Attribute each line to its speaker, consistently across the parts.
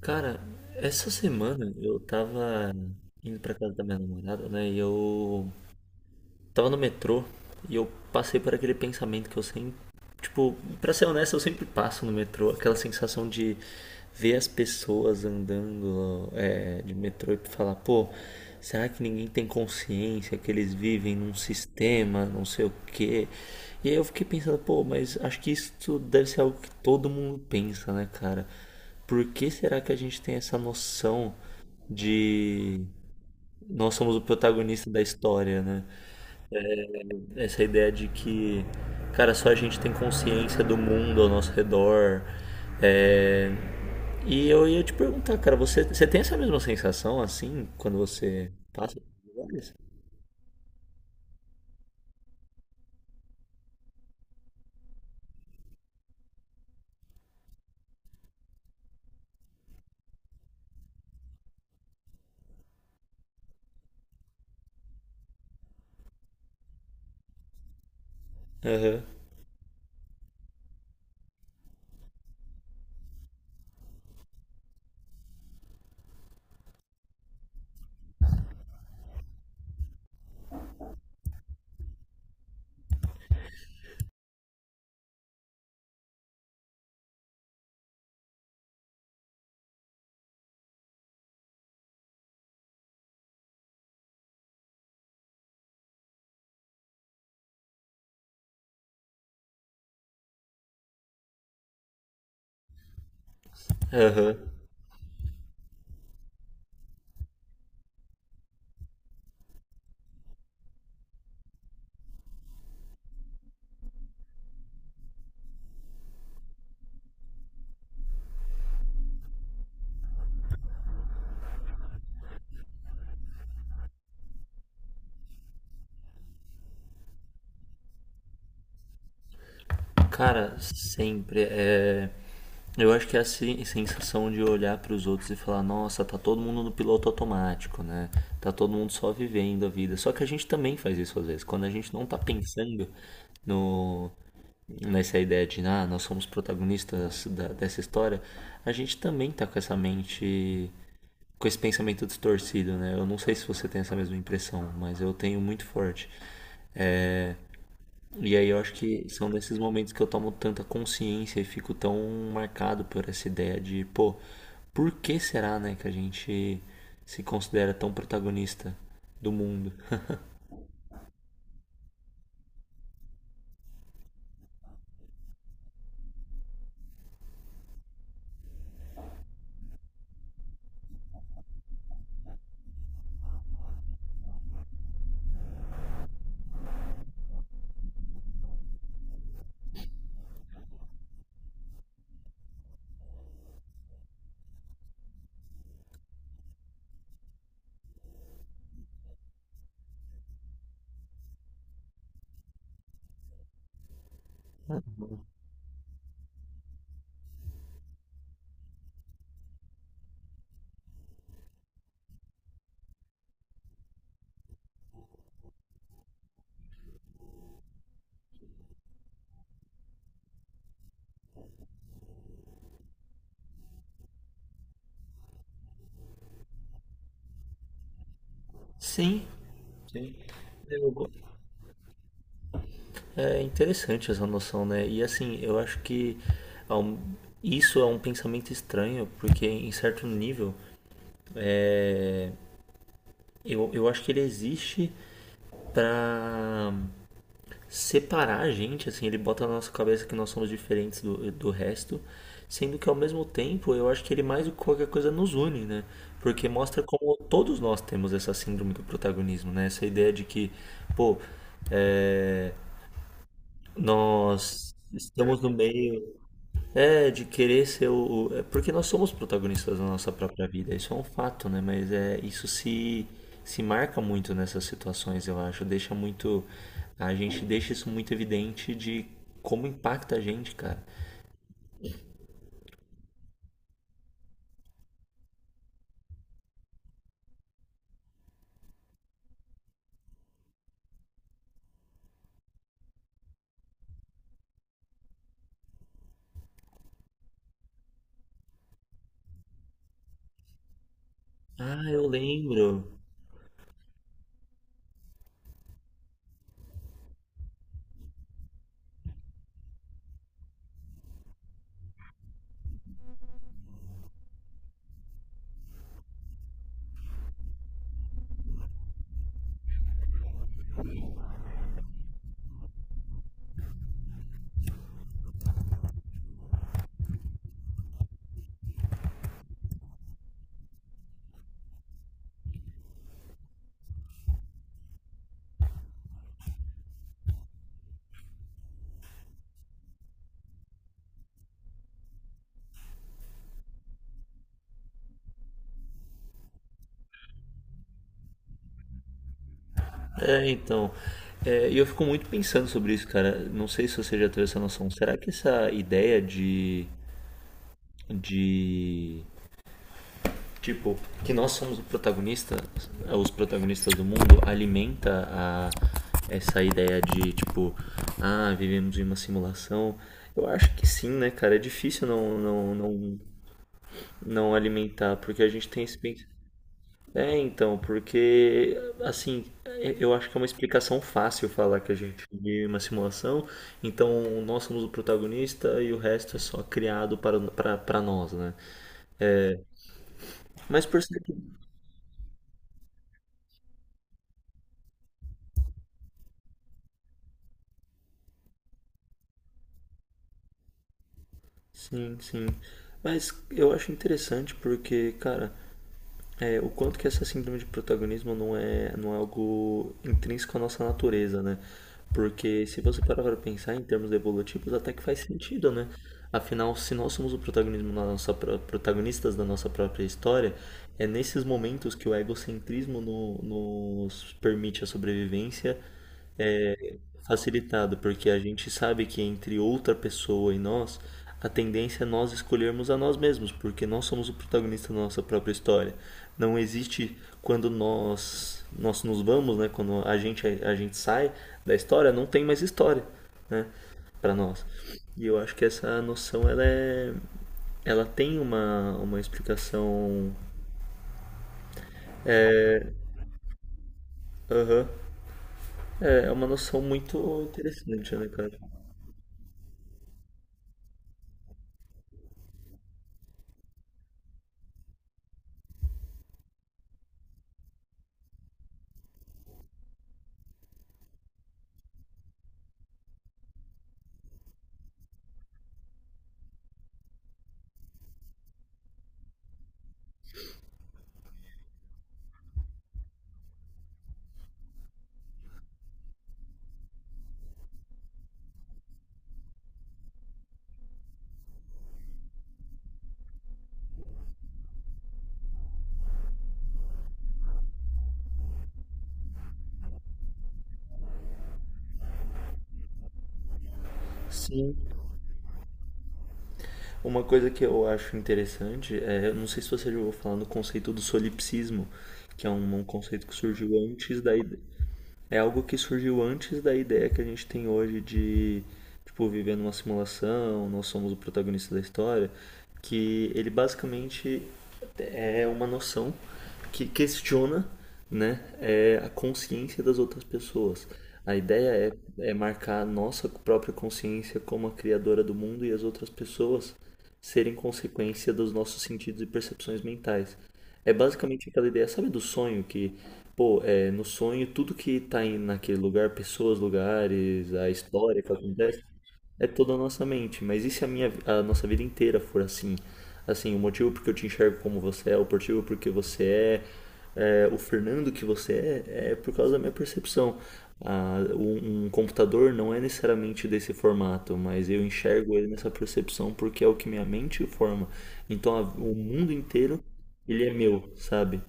Speaker 1: Cara, essa semana eu tava indo pra casa da minha namorada, né? E eu tava no metrô e eu passei por aquele pensamento que eu sempre. Tipo, pra ser honesto, eu sempre passo no metrô. Aquela sensação de ver as pessoas andando de metrô e falar, pô, será que ninguém tem consciência que eles vivem num sistema, não sei o quê? E aí eu fiquei pensando, pô, mas acho que isso deve ser algo que todo mundo pensa, né, cara? Por que será que a gente tem essa noção de nós somos o protagonista da história, né? Essa ideia de que, cara, só a gente tem consciência do mundo ao nosso redor. É, E eu ia te perguntar, cara, você tem essa mesma sensação assim quando você passa por lugares? Aham, aham. Cara, sempre. Eu acho que é a sensação de olhar para os outros e falar: nossa, tá todo mundo no piloto automático, né? Tá todo mundo só vivendo a vida. Só que a gente também faz isso às vezes, quando a gente não tá pensando no. Nessa ideia de, ah, nós somos protagonistas dessa história, a gente também tá com essa mente, com esse pensamento distorcido, né? Eu não sei se você tem essa mesma impressão, mas eu tenho muito forte. É, e aí eu acho que são nesses momentos que eu tomo tanta consciência e fico tão marcado por essa ideia de, pô, por que será, né, que a gente se considera tão protagonista do mundo? Sim, é interessante essa noção, né? E assim, eu acho que ao- isso é um pensamento estranho, porque em certo nível eu acho que ele existe para separar a gente, assim, ele bota na nossa cabeça que nós somos diferentes do resto, sendo que ao mesmo tempo eu acho que ele mais do que qualquer coisa nos une, né? Porque mostra como todos nós temos essa síndrome do protagonismo, né? Essa ideia de que, pô, é, nós estamos no meio, é, de querer ser porque nós somos protagonistas da nossa própria vida, isso é um fato, né? Mas é, isso se marca muito nessas situações, eu acho. Deixa muito. A gente deixa isso muito evidente de como impacta a gente, cara. Ah, eu lembro. É, então. É, e eu fico muito pensando sobre isso, cara. Não sei se você já teve essa noção. Será que essa ideia de. De tipo, que nós somos o protagonista, os protagonistas do mundo, alimenta a, essa ideia de, tipo, ah, vivemos em uma simulação. Eu acho que sim, né, cara? É difícil não alimentar, porque a gente tem esse é, então, porque, assim, é, eu acho que é uma explicação fácil falar que a gente vive uma simulação, então nós somos o protagonista e o resto é só criado para nós, né? Mas percebe, sim, sim. Mas eu acho interessante porque, cara, é, o quanto que essa síndrome de protagonismo não é algo intrínseco à nossa natureza, né? Porque se você parar para pensar em termos evolutivos, até que faz sentido, né? Afinal, se nós somos o protagonismo na nossa, protagonistas da nossa própria história, é nesses momentos que o egocentrismo nos permite a sobrevivência é facilitado, porque a gente sabe que entre outra pessoa e nós, a tendência é nós escolhermos a nós mesmos, porque nós somos o protagonista da nossa própria história. Não existe quando nós nos vamos, né, quando a gente sai da história, não tem mais história, né, para nós. E eu acho que essa noção ela tem uma explicação. Aham. É é uma noção muito interessante, né, cara? Sim, uma coisa que eu acho interessante é, eu não sei se você já ouviu falar no conceito do solipsismo, que é um conceito que surgiu antes da, é algo que surgiu antes da ideia que a gente tem hoje de, tipo, viver numa simulação, nós somos o protagonista da história, que ele basicamente é uma noção que questiona, né, é, a consciência das outras pessoas. A ideia é marcar a nossa própria consciência como a criadora do mundo e as outras pessoas serem consequência dos nossos sentidos e percepções mentais. É basicamente aquela ideia, sabe do sonho que pô, é, no sonho, tudo que tá aí naquele lugar, pessoas, lugares, a história que acontece, é toda a nossa mente. Mas e se a nossa vida inteira for assim? Assim, o motivo porque eu te enxergo como você é, o motivo porque você o Fernando que você é, é por causa da minha percepção. Ah, um computador não é necessariamente desse formato, mas eu enxergo ele nessa percepção porque é o que minha mente forma. Então, o mundo inteiro, ele é meu, sabe?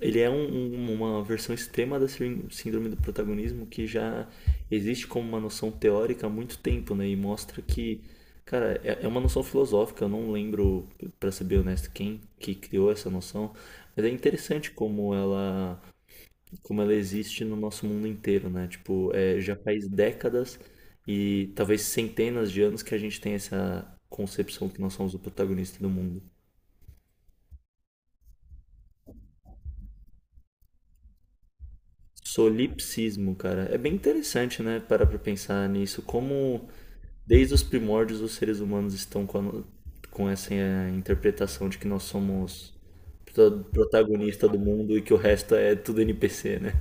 Speaker 1: Ele é uma versão extrema da síndrome do protagonismo que já existe como uma noção teórica há muito tempo, né? E mostra que, cara, é uma noção filosófica. Eu não lembro, pra ser bem honesto, quem que criou essa noção, mas é interessante como ela existe no nosso mundo inteiro, né? Tipo, é, já faz décadas e talvez centenas de anos que a gente tem essa concepção que nós somos o protagonista do mundo. Solipsismo, cara. É bem interessante, né? Parar pra pensar nisso. Como desde os primórdios os seres humanos estão com, com essa interpretação de que nós somos protagonista do mundo e que o resto é tudo NPC, né?